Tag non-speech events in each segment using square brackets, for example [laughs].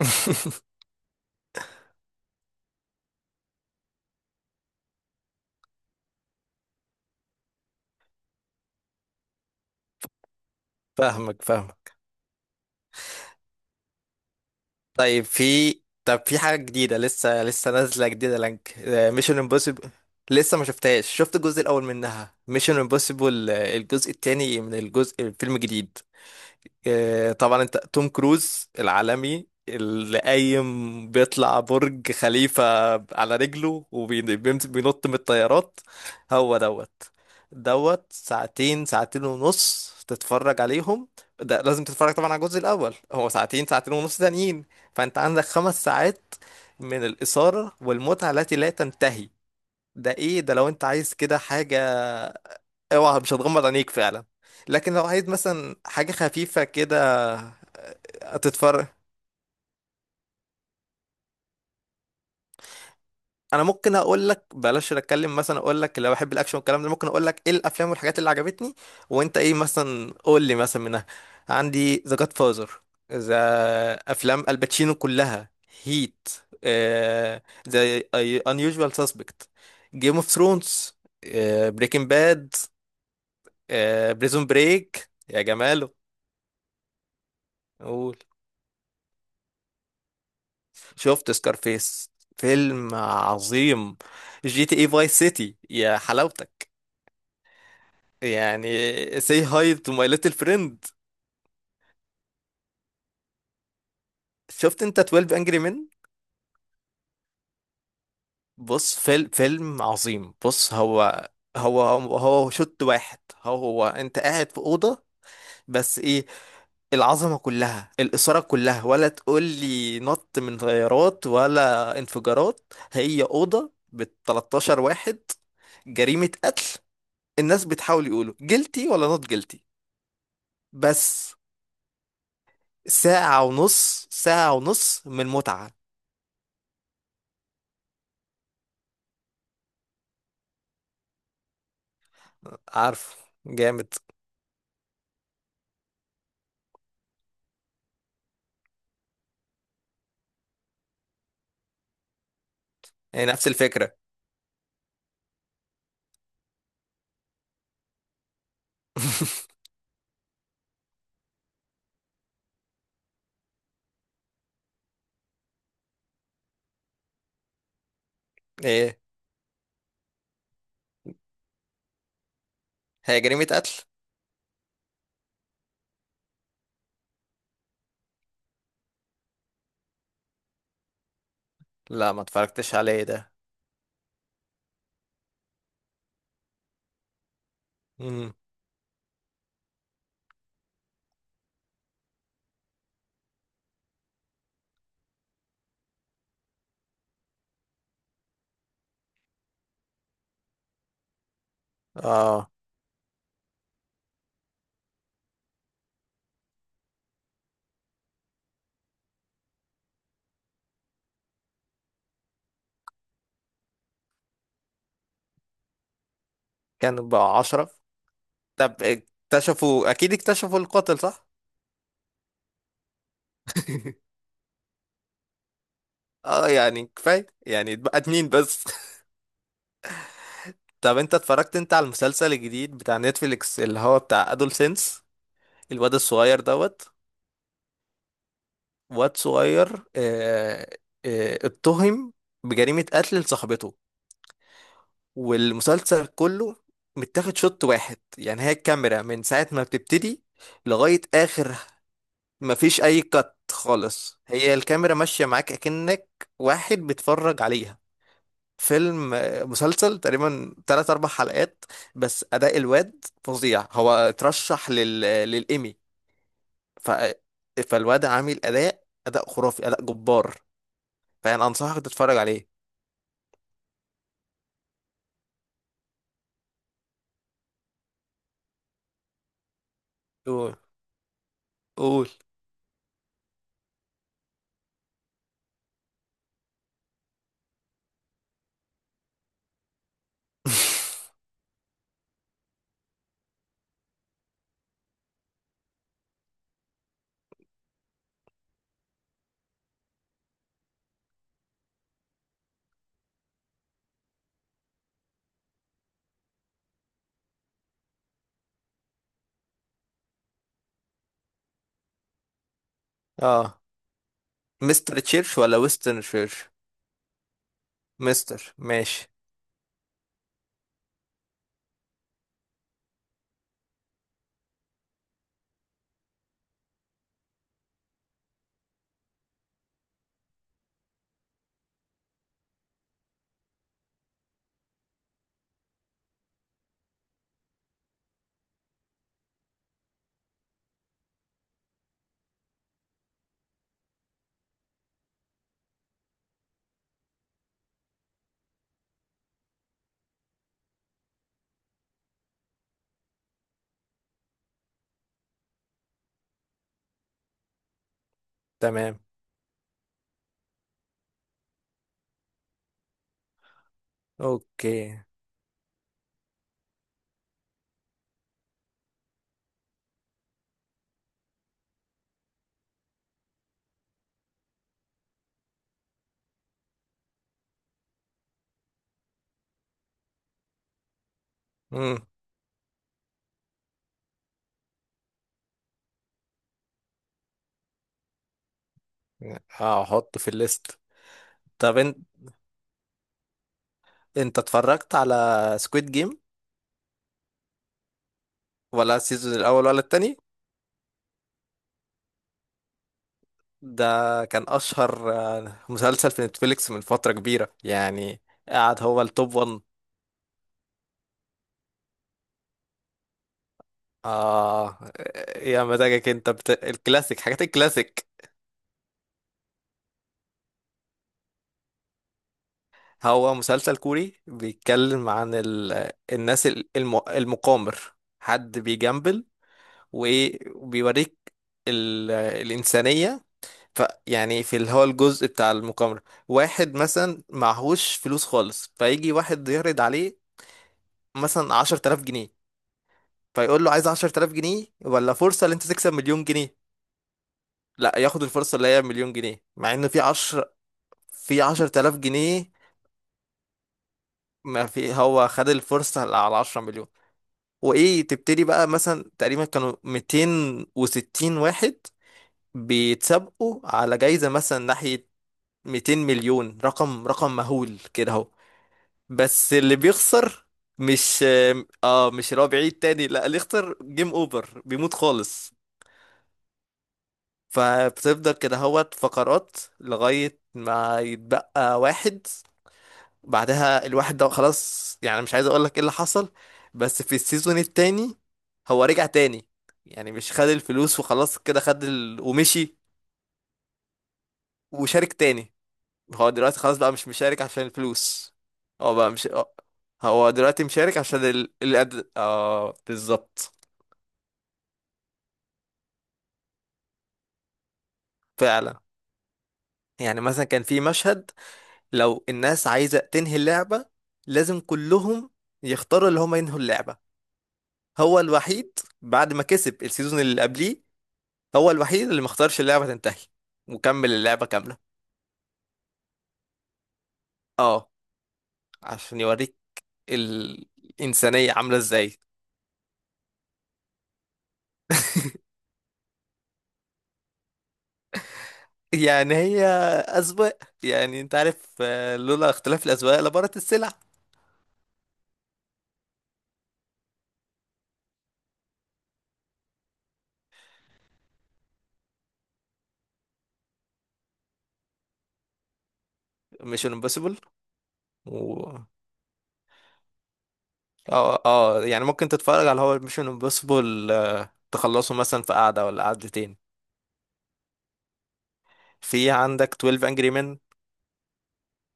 [laughs] فاهمك فاهمك. طيب في طب في حاجة جديدة، لسه نازلة جديدة لانك ميشن امبوسيبل. لسه ما شفتهاش، شفت الجزء الأول منها. ميشن امبوسيبل الجزء التاني، من الجزء الفيلم الجديد. طبعا انت توم كروز العالمي اللي قايم بيطلع برج خليفة على رجله وبينط من الطيارات. هو دوت دوت ساعتين، ساعتين ونص تتفرج عليهم. ده لازم تتفرج طبعا على الجزء الأول، هو ساعتين، ساعتين ونص تانيين. فانت عندك 5 ساعات من الإثارة والمتعة التي لا تنتهي. ده ايه ده؟ لو انت عايز كده حاجة اوعى مش هتغمض عينيك فعلا. لكن لو عايز مثلا حاجة خفيفة كده هتتفرج، انا ممكن اقول لك. بلاش اتكلم مثلا، اقول لك لو بحب الاكشن والكلام ده، ممكن اقول لك ايه الافلام والحاجات اللي عجبتني. وانت ايه مثلا؟ قول لي مثلا منها. عندي ذا جاد فازر، ذا افلام الباتشينو كلها، هيت، ذا انيوجوال سسبكت، جيم اوف ثرونز، بريكنج باد، بريزون بريك، يا جماله. قول. شفت سكارفيس، فيلم عظيم. جي تي اي فاي سيتي، يا حلاوتك. يعني سي هاي تو ماي ليتل فريند. شفت انت 12 انجري مين؟ بص، فيلم عظيم. بص، هو هو شوت واحد. هو انت قاعد في اوضه، بس ايه، العظمه كلها، الاثاره كلها، ولا تقول لي نط من طيارات ولا انفجارات. هي اوضه ب 13 واحد، جريمه قتل، الناس بتحاول يقولوا جلتي ولا نوت جلتي. بس ساعة ونص، ساعة ونص من متعة. عارف، جامد. هي نفس الفكرة. [laughs] ايه، هي جريمة قتل. لا، ما اتفرجتش عليه ده. امم. اه. كان بقى عشرة. طب اكتشفوا، اكيد اكتشفوا القاتل صح؟ اه يعني كفاية، يعني اتبقت مين بس؟ [laughs] طب انت اتفرجت انت على المسلسل الجديد بتاع نتفليكس اللي هو بتاع ادول سينس؟ الواد الصغير دوت. واد صغير، اتهم بجريمة قتل لصاحبته. والمسلسل كله متاخد شوت واحد، يعني هي الكاميرا من ساعة ما بتبتدي لغاية آخر. مفيش أي كات خالص، هي الكاميرا ماشية معاك أكنك واحد بيتفرج عليها. فيلم، مسلسل، تقريبا تلات أربع حلقات. بس أداء الواد فظيع، هو اترشح لل... آه، للإيمي. ف... آه، فالواد عامل أداء، أداء خرافي، أداء جبار، فاهم؟ انصحك تتفرج عليه. قول، قول. [laughs] اه، مستر تشيرش ولا ويسترن تشيرش؟ مستر، ماشي. تمام. اوكي. امم. هحطه في الليست. طب انت اتفرجت على سكويد جيم، ولا السيزون الاول ولا التاني؟ ده كان اشهر مسلسل في نتفليكس من فترة كبيرة يعني، قاعد هو التوب 1. اه، يا مزاجك انت الكلاسيك، حاجات الكلاسيك. هو مسلسل كوري بيتكلم عن الناس المقامر، حد بيجامبل وبيوريك الإنسانية. ف... يعني في اللي هو الجزء بتاع المقامرة. واحد مثلا معهوش فلوس خالص، فيجي واحد يعرض عليه مثلا 10 تلاف جنيه. فيقول له، عايز 10 تلاف جنيه ولا فرصة اللي انت تكسب 1 مليون جنيه؟ لا، ياخد الفرصة اللي هي 1 مليون جنيه، مع ان في عشر، في 10 تلاف جنيه. ما في، هو خد الفرصة على 10 مليون. وايه، تبتدي بقى. مثلا تقريبا كانوا 260 واحد بيتسابقوا على جايزة مثلا ناحية 200 مليون، رقم مهول كده اهو. بس اللي بيخسر، مش، اه مش اللي هو بعيد تاني، لا، اللي يخسر جيم اوفر، بيموت خالص. فبتفضل كده اهوت فقرات لغاية ما يتبقى واحد. بعدها الواحد ده خلاص، يعني مش عايز اقول لك ايه اللي حصل. بس في السيزون التاني هو رجع تاني، يعني مش خد الفلوس وخلاص كده، خد ومشي، وشارك تاني. هو دلوقتي خلاص بقى مش مشارك عشان الفلوس. هو بقى مش هو دلوقتي مشارك عشان اه بالظبط، فعلا. يعني مثلا كان في مشهد، لو الناس عايزة تنهي اللعبة لازم كلهم يختاروا اللي هم ينهوا اللعبة. هو الوحيد بعد ما كسب السيزون اللي قبليه، هو الوحيد اللي ما اختارش اللعبة تنتهي، وكمل اللعبة كاملة. اه، عشان يوريك الإنسانية عاملة ازاي. [laughs] يعني هي أذواق، يعني انت عارف، لولا اختلاف الأذواق لبارت السلع. ميشن امبوسيبل و اه يعني ممكن تتفرج على، هو ميشن امبوسيبل تخلصه مثلا في قعدة ولا قعدتين. في عندك 12 انجري مان،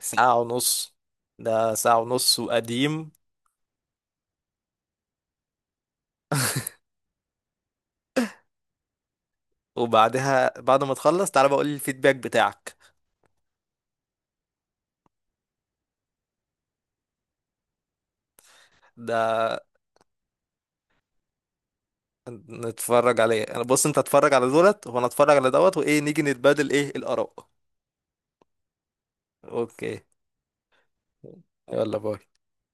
ساعة ونص، ده ساعة ونص وقديم. وبعدها بعد ما تخلص تعالى بقول لي الفيدباك بتاعك. ده نتفرج عليه. انا بص، انت اتفرج على دولت وانا اتفرج على دوت، وايه نيجي نتبادل ايه الاراء. اوكي. يلا باي.